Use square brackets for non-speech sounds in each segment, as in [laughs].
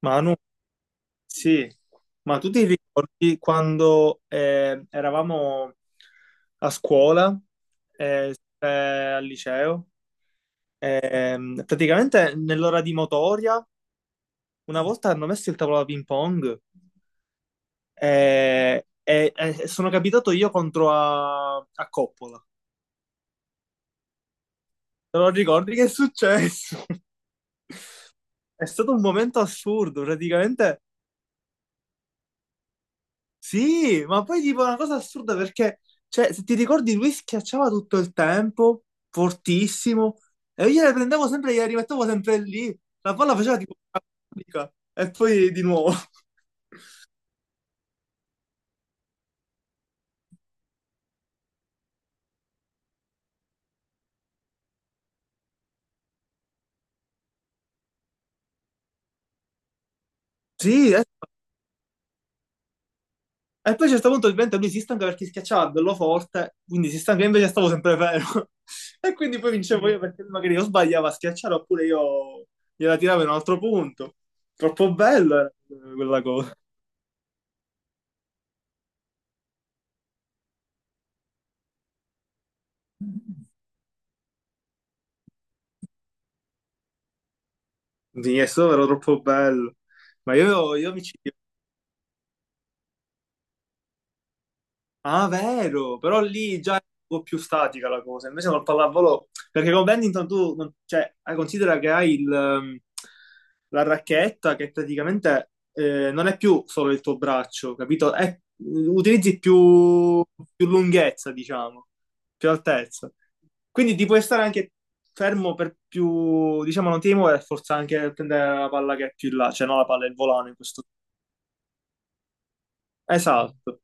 Manu, sì, ma tu ti ricordi quando eravamo a scuola, al liceo, praticamente nell'ora di motoria, una volta hanno messo il tavolo da ping pong e sono capitato io contro a Coppola. Te lo ricordi che è successo? [laughs] È stato un momento assurdo, praticamente. Sì, ma poi tipo una cosa assurda perché, cioè, se ti ricordi, lui schiacciava tutto il tempo, fortissimo, e io le prendevo sempre e gliela rimettevo sempre lì. La palla faceva tipo una fatica, e poi di nuovo. [laughs] Sì, e poi a un certo punto ovviamente lui si stanca perché schiacciava bello forte, quindi si stanca, io invece stavo sempre fermo. [laughs] E quindi poi vincevo io perché lui magari io sbagliava a schiacciare oppure io gliela tiravo in un altro punto. Troppo bello era quella cosa. Di Nessuno era troppo bello. Ma io mi ci... Ah, vero! Però lì già è un po' più statica la cosa. Invece col pallavolo... Perché con badminton tu... Cioè, considera che hai il, la racchetta che praticamente non è più solo il tuo braccio, capito? Utilizzi più, più lunghezza, diciamo, più altezza. Quindi ti puoi stare anche fermo per più... Diciamo, non ti devi muovere, forse anche prendere la palla che è più in là. Cioè, no, la palla è il volano in questo. Esatto.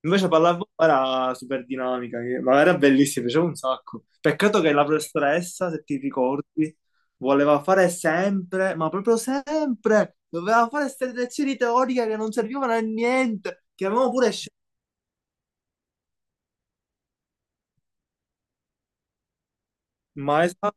Invece pallavolo era super dinamica, ma era bellissima, piaceva un sacco. Peccato che la professoressa, se ti ricordi, voleva fare sempre, ma proprio sempre, doveva fare queste lezioni teoriche che non servivano a niente, che avevamo pure scelto. Ma esatto,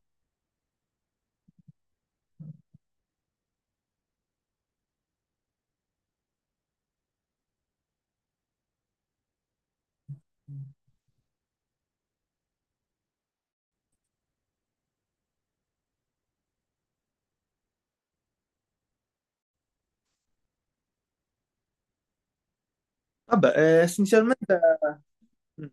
vabbè, essenzialmente... Mm.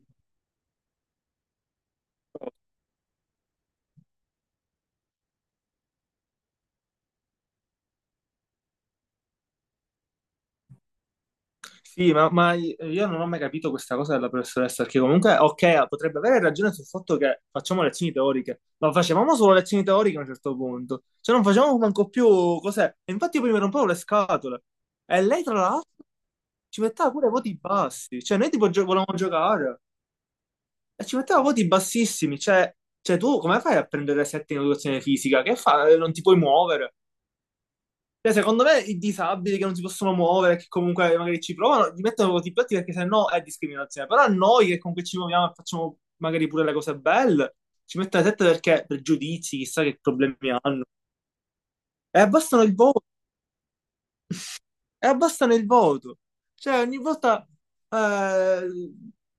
Sì, ma io non ho mai capito questa cosa della professoressa, perché comunque, ok, potrebbe avere ragione sul fatto che facciamo lezioni teoriche, ma facevamo solo lezioni teoriche a un certo punto, cioè non facevamo manco più cos'è. E infatti io poi mi rompevo le scatole. E lei, tra l'altro, ci metteva pure voti bassi, cioè noi tipo volevamo giocare e ci metteva voti bassissimi, cioè, cioè tu come fai a prendere sette in educazione fisica? Che fai? Non ti puoi muovere. Cioè, secondo me i disabili che non si possono muovere, che comunque magari ci provano, li mettono contro i piatti perché sennò è discriminazione. Però a noi che comunque ci muoviamo e facciamo magari pure le cose belle, ci mettono sette perché pregiudizi, chissà che problemi hanno. E abbassano il voto, e abbassano il voto. Cioè, ogni volta eh,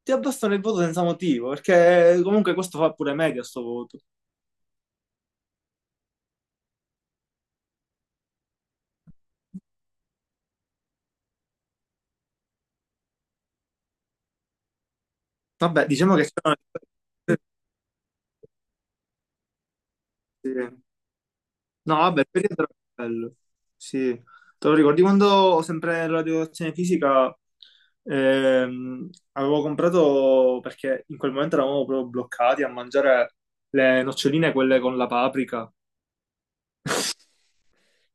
ti abbassano il voto senza motivo, perché comunque questo fa pure media sto voto. Vabbè, diciamo che sono... [laughs] Sì. No, vabbè, il periodo era bello. Sì, te lo ricordi quando sempre la educazione fisica avevo comprato perché in quel momento eravamo proprio bloccati a mangiare le noccioline, quelle con la paprika.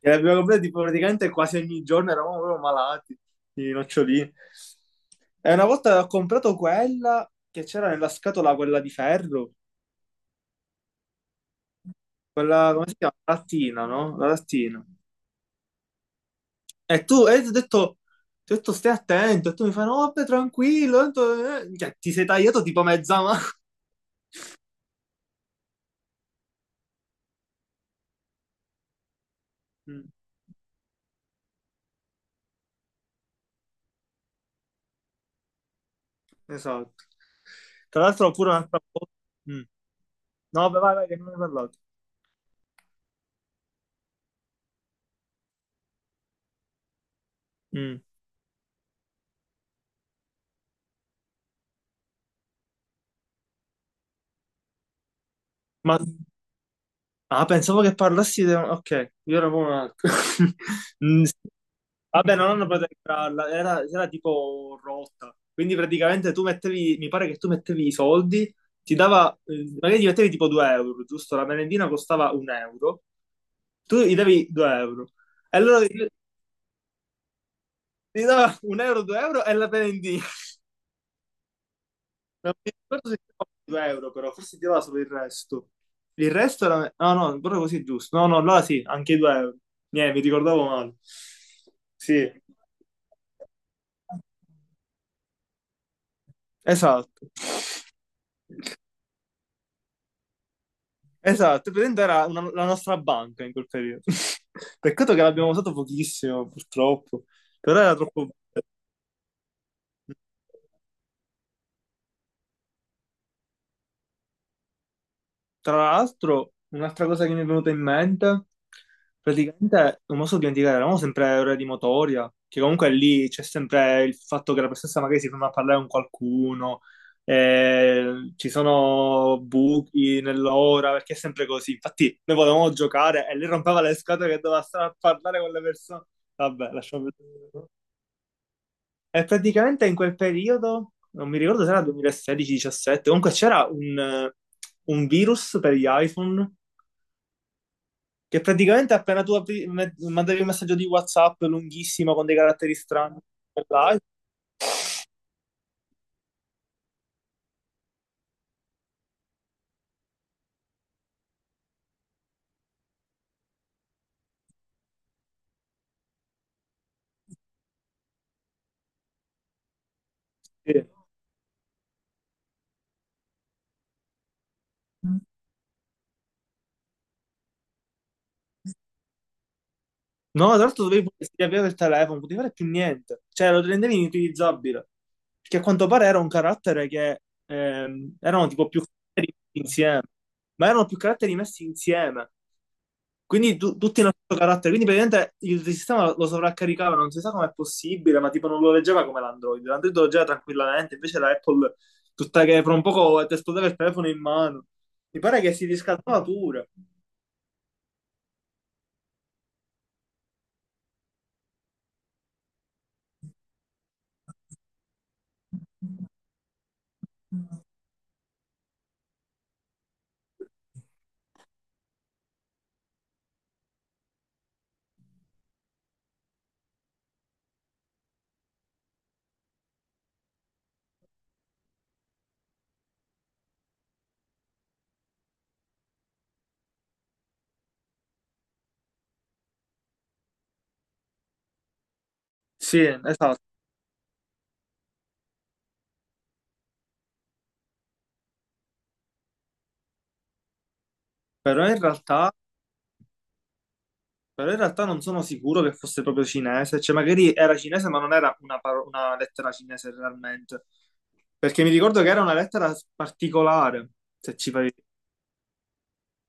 E le abbiamo comprate tipo, praticamente quasi ogni giorno, eravamo proprio malati di noccioline. E una volta ho comprato quella che c'era nella scatola, quella di ferro, quella, come si chiama? Lattina, no? La lattina. E tu, ti ho detto stai attento, e tu mi fai, no, vabbè, tranquillo, tanto, Cioè, ti sei tagliato tipo mezza mano. [laughs] Mm, esatto. Tra l'altro pure un'altra cosa. Mm. No, vabbè, vai, vai, che non ne hai parlato. Mm. Ma, ah, pensavo che parlassi di... Ok, io ero proprio un altro. [laughs] Mm, sì. Vabbè, non hanno potuto entrarla, era tipo rotta. Quindi praticamente tu mettevi, mi pare che tu mettevi i soldi, ti dava, magari gli mettevi tipo 2 euro, giusto? La merendina costava un euro, tu gli davi 2 euro. E allora gli dava un euro, 2 euro e la prendi. [laughs] Non mi ricordo se ti dava 2 euro, però forse ti dava solo il resto. Il resto era... No, no, proprio così è giusto. No, no, allora sì, anche i 2 euro. Niente, mi ricordavo male. Sì, esatto. Esatto, praticamente era la nostra banca in quel periodo. [laughs] Peccato che l'abbiamo usato pochissimo, purtroppo. Però era troppo... Tra l'altro, un'altra cosa che mi è venuta in mente, praticamente non posso dimenticare, eravamo sempre ore di motoria, che comunque lì c'è sempre il fatto che la professoressa magari si ferma a parlare con qualcuno, ci sono buchi nell'ora, perché è sempre così. Infatti noi volevamo giocare e lei rompeva le scatole che doveva stare a parlare con le persone. Vabbè, lasciamo perdere. E praticamente in quel periodo, non mi ricordo se era 2016-17, comunque c'era un virus per gli iPhone che praticamente appena tu mandavi un messaggio di WhatsApp lunghissimo con dei caratteri strani, là, sì. No, tra l'altro dovevi pure riavviare il telefono, non potevi fare più niente. Cioè, lo rendevi inutilizzabile. Perché a quanto pare era un carattere che erano tipo più caratteri messi insieme, ma erano più caratteri messi insieme. Quindi tutti hanno questo carattere, quindi praticamente il sistema lo sovraccaricava, non si sa com'è possibile, ma tipo non lo leggeva come l'Android, l'Android lo leggeva tranquillamente, invece la Apple tutta che per un poco ti esplodeva il telefono in mano. Mi pare che si riscaldava pure. Sì, esatto, però in realtà, però in realtà non sono sicuro che fosse proprio cinese, cioè magari era cinese ma non era una, una lettera cinese realmente, perché mi ricordo che era una lettera particolare, se ci fai...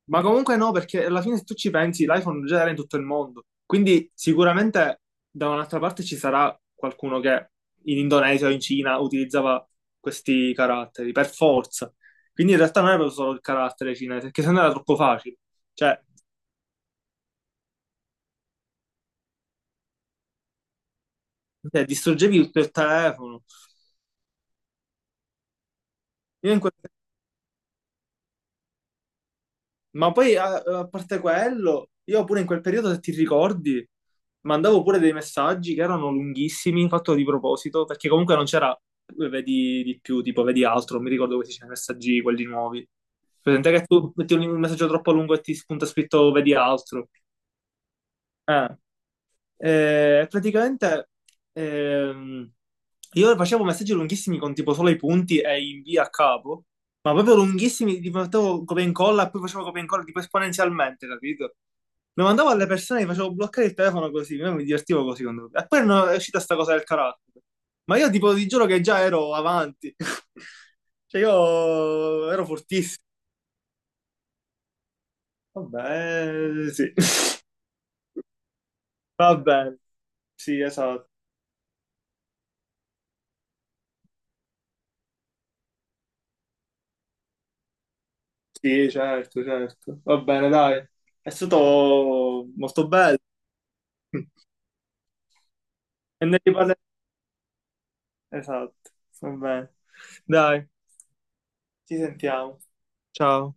Ma comunque no, perché alla fine se tu ci pensi, l'iPhone già era in tutto il mondo. Quindi sicuramente da un'altra parte ci sarà qualcuno che in Indonesia o in Cina utilizzava questi caratteri, per forza. Quindi in realtà non era proprio solo il carattere cinese, perché sennò era troppo facile. Cioè, te distruggevi tutto il telefono. Io in quel... Ma poi a parte quello, io pure in quel periodo, se ti ricordi, mandavo pure dei messaggi che erano lunghissimi, fatto di proposito, perché comunque non c'era, vedi di più, tipo vedi altro, non mi ricordo questi c'erano i messaggi, quelli nuovi. Presente che tu metti un messaggio troppo lungo e ti spunta scritto vedi altro. Eh. Praticamente ehm, io facevo messaggi lunghissimi con tipo solo i punti e invia a capo, ma proprio lunghissimi, tipo facevo copia e incolla e poi facevo copia e incolla tipo esponenzialmente, capito? Lo mandavo alle persone, gli facevo bloccare il telefono così, io mi divertivo così con lui. E poi non è uscita sta cosa del carattere. Ma io tipo ti giuro che già ero avanti. [laughs] Cioè io ero fortissimo. Vabbè, sì. [laughs] Va bene, sì, esatto. Sì, certo, certo. Va bene, dai. È stato molto bello. [laughs] E ne riparleremo. Esatto, va bene. Dai, ci sentiamo. Ciao.